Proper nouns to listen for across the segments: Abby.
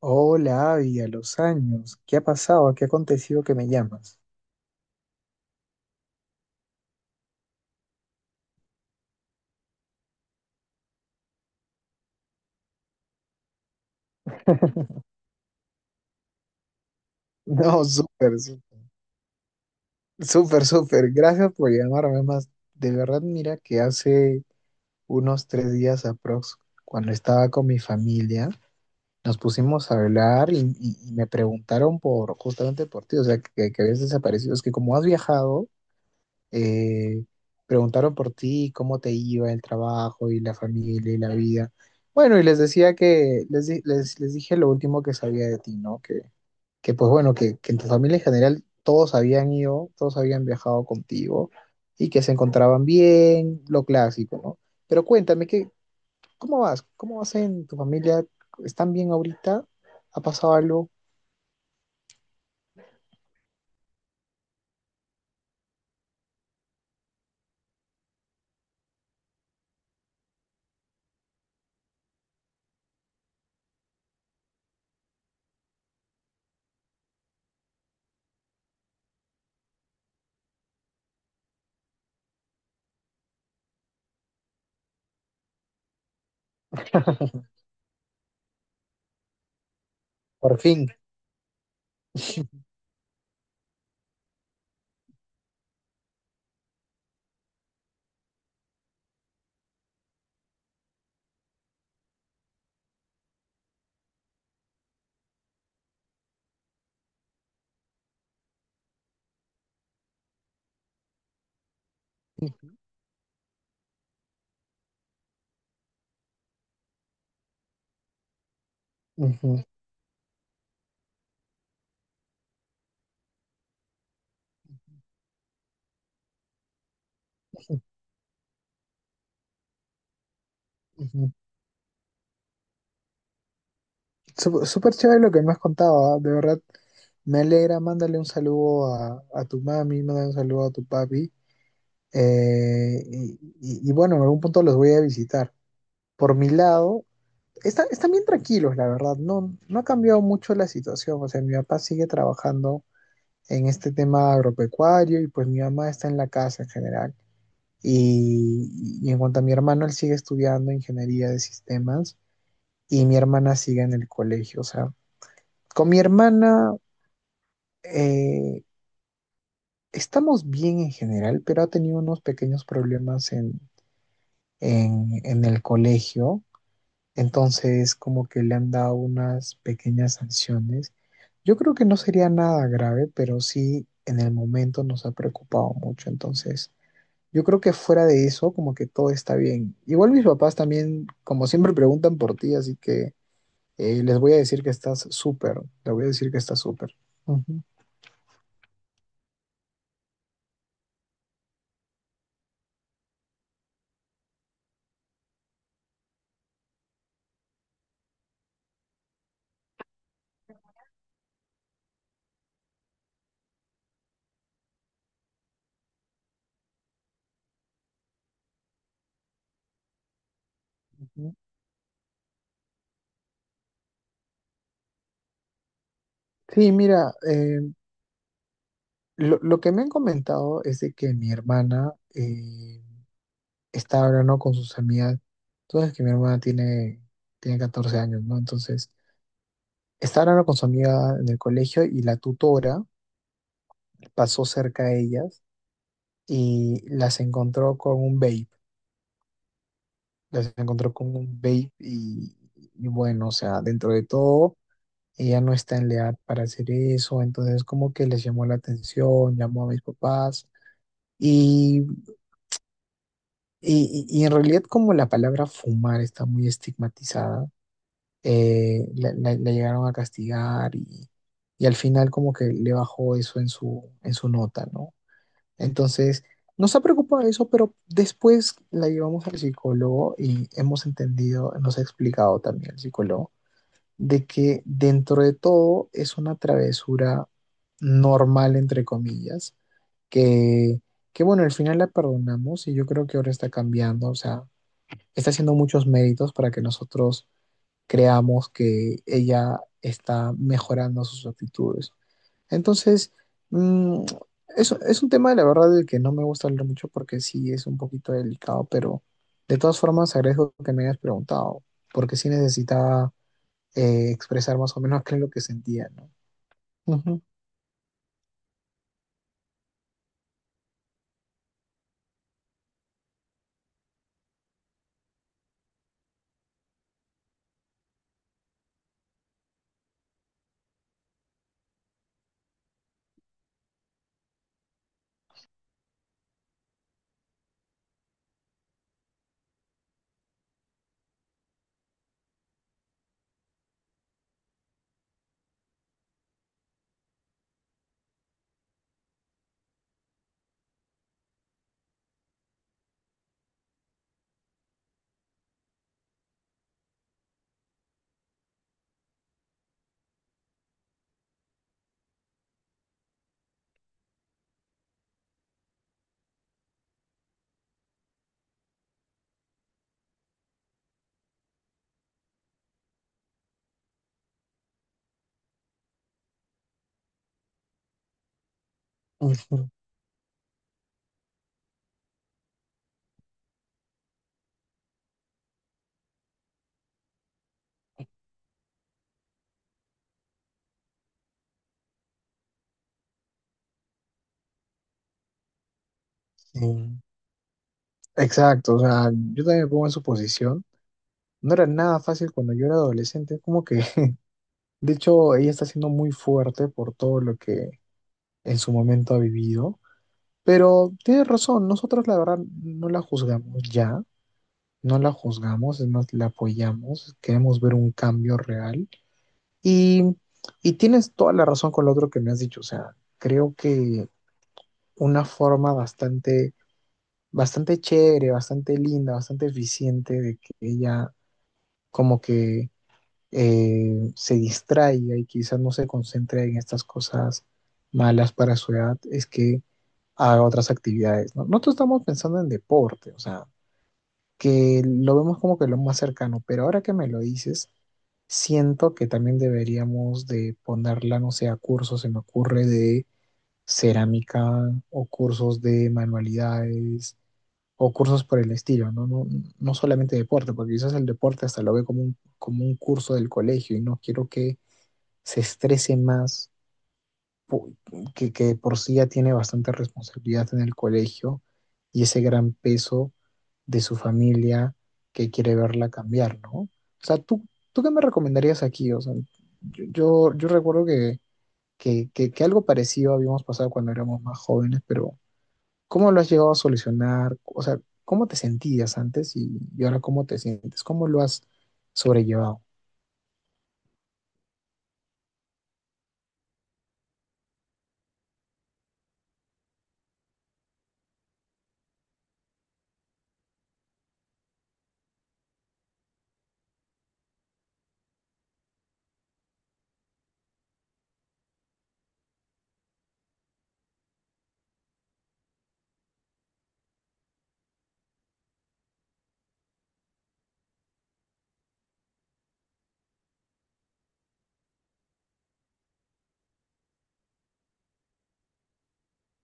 Hola, Abby, a los años. ¿Qué ha pasado? ¿Qué ha acontecido que me llamas? No, súper, súper, súper. Gracias por llamarme más. De verdad, mira que hace unos 3 días aprox, cuando estaba con mi familia, nos pusimos a hablar y me preguntaron por justamente por ti, o sea, que habías desaparecido. Es que como has viajado, eh, preguntaron por ti, cómo te iba el trabajo y la familia y la vida. Bueno, y les decía que les dije lo último que sabía de ti, ¿no? Que pues bueno, que en tu familia en general todos habían ido, todos habían viajado contigo y que se encontraban bien, lo clásico, ¿no? Pero cuéntame, ¿qué, cómo vas? ¿Cómo vas en tu familia? ¿Están bien ahorita? ¿Ha pasado algo? Por fin. Ujú, ujú. Súper chévere lo que me has contado, ¿ah? De verdad, me alegra. Mándale un saludo a tu mami, mándale un saludo a tu papi. Y bueno, en algún punto los voy a visitar. Por mi lado, están bien tranquilos, la verdad. No ha cambiado mucho la situación. O sea, mi papá sigue trabajando en este tema agropecuario y pues mi mamá está en la casa en general. Y en cuanto a mi hermano, él sigue estudiando ingeniería de sistemas y mi hermana sigue en el colegio. O sea, con mi hermana eh, estamos bien en general, pero ha tenido unos pequeños problemas en el colegio. Entonces, como que le han dado unas pequeñas sanciones. Yo creo que no sería nada grave, pero sí en el momento nos ha preocupado mucho. Entonces, yo creo que fuera de eso, como que todo está bien. Igual mis papás también, como siempre, preguntan por ti, así que les voy a decir que estás súper. Les voy a decir que estás súper. Ujú, ujú. Sí, mira, lo que me han comentado es de que mi hermana está hablando con sus amigas. Entonces, que mi hermana tiene 14 años, ¿no? Entonces, está hablando con su amiga en el colegio y la tutora pasó cerca de ellas y las encontró con un vape. Las encontró con un vape y bueno, o sea, dentro de todo, ella no está en la edad para hacer eso. Entonces, como que les llamó la atención, llamó a mis papás. Y y en realidad como la palabra fumar está muy estigmatizada, la llegaron a castigar y al final como que le bajó eso en en su nota, ¿no? Entonces, nos ha preocupado eso, pero después la llevamos al psicólogo y hemos entendido, nos ha explicado también el psicólogo, de que dentro de todo es una travesura normal, entre comillas, que, que bueno, al final la perdonamos y yo creo que ahora está cambiando, o sea está haciendo muchos méritos para que nosotros creamos que ella está mejorando sus actitudes. Entonces, mm, es un tema, la verdad, del que no me gusta hablar mucho porque sí es un poquito delicado, pero de todas formas agradezco que me hayas preguntado, porque sí necesitaba expresar más o menos qué es lo que sentía, ¿no? Ujú, ujú, sí. Exacto, o sea, yo también me pongo en su posición. No era nada fácil cuando yo era adolescente, como que de hecho, ella está siendo muy fuerte por todo lo que en su momento ha vivido. Pero tiene razón, nosotros la verdad no la juzgamos ya, no la juzgamos, es más, la apoyamos, queremos ver un cambio real. Y, y tienes toda la razón con lo otro que me has dicho, o sea, creo que una forma bastante, bastante chévere, bastante linda, bastante eficiente de que ella como que se distraiga y quizás no se concentre en estas cosas malas para su edad, es que haga otras actividades, ¿no? Nosotros estamos pensando en deporte, o sea, que lo vemos como que lo más cercano, pero ahora que me lo dices, siento que también deberíamos de ponerla, no sé, a cursos, se me ocurre, de cerámica o cursos de manualidades o cursos por el estilo, ¿no? No, no solamente deporte, porque quizás el deporte hasta lo ve como un curso del colegio y no quiero que se estrese más, pu- que de por sí ya tiene bastante responsabilidad en el colegio y ese gran peso de su familia que quiere verla cambiar, ¿no? O sea, ¿tú, tú qué me recomendarías aquí? O sea, yo recuerdo que algo parecido habíamos pasado cuando éramos más jóvenes, pero ¿cómo lo has llegado a solucionar? O sea, ¿cómo te sentías antes y ahora cómo te sientes? ¿Cómo lo has sobrellevado?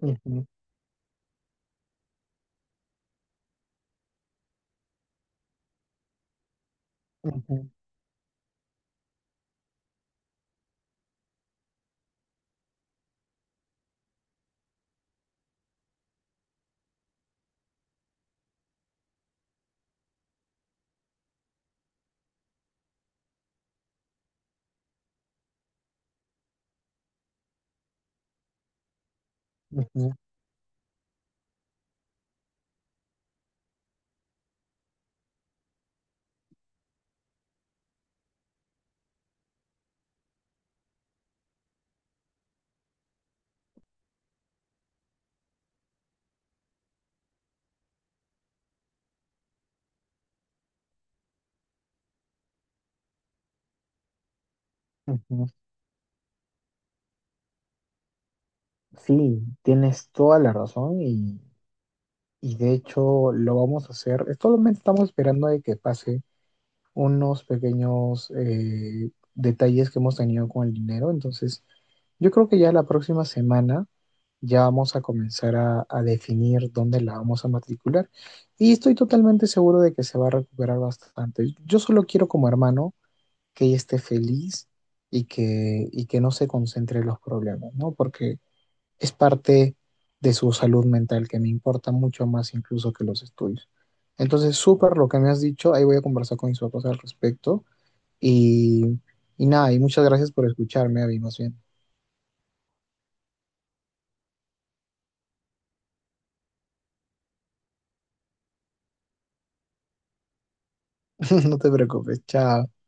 Ujú, ujú, ujú, ujú. Sí, tienes toda la razón y de hecho lo vamos a hacer. Solamente estamos esperando de que pase unos pequeños detalles que hemos tenido con el dinero. Entonces, yo creo que ya la próxima semana ya vamos a comenzar a definir dónde la vamos a matricular. Y estoy totalmente seguro de que se va a recuperar bastante. Yo solo quiero como hermano que ella esté feliz y que no se concentre en los problemas, ¿no? Porque es parte de su salud mental, que me importa mucho más incluso que los estudios. Entonces, súper lo que me has dicho, ahí voy a conversar con mis papás al respecto. Y, y nada, y muchas gracias por escucharme, Abby, más bien. No te preocupes, chao.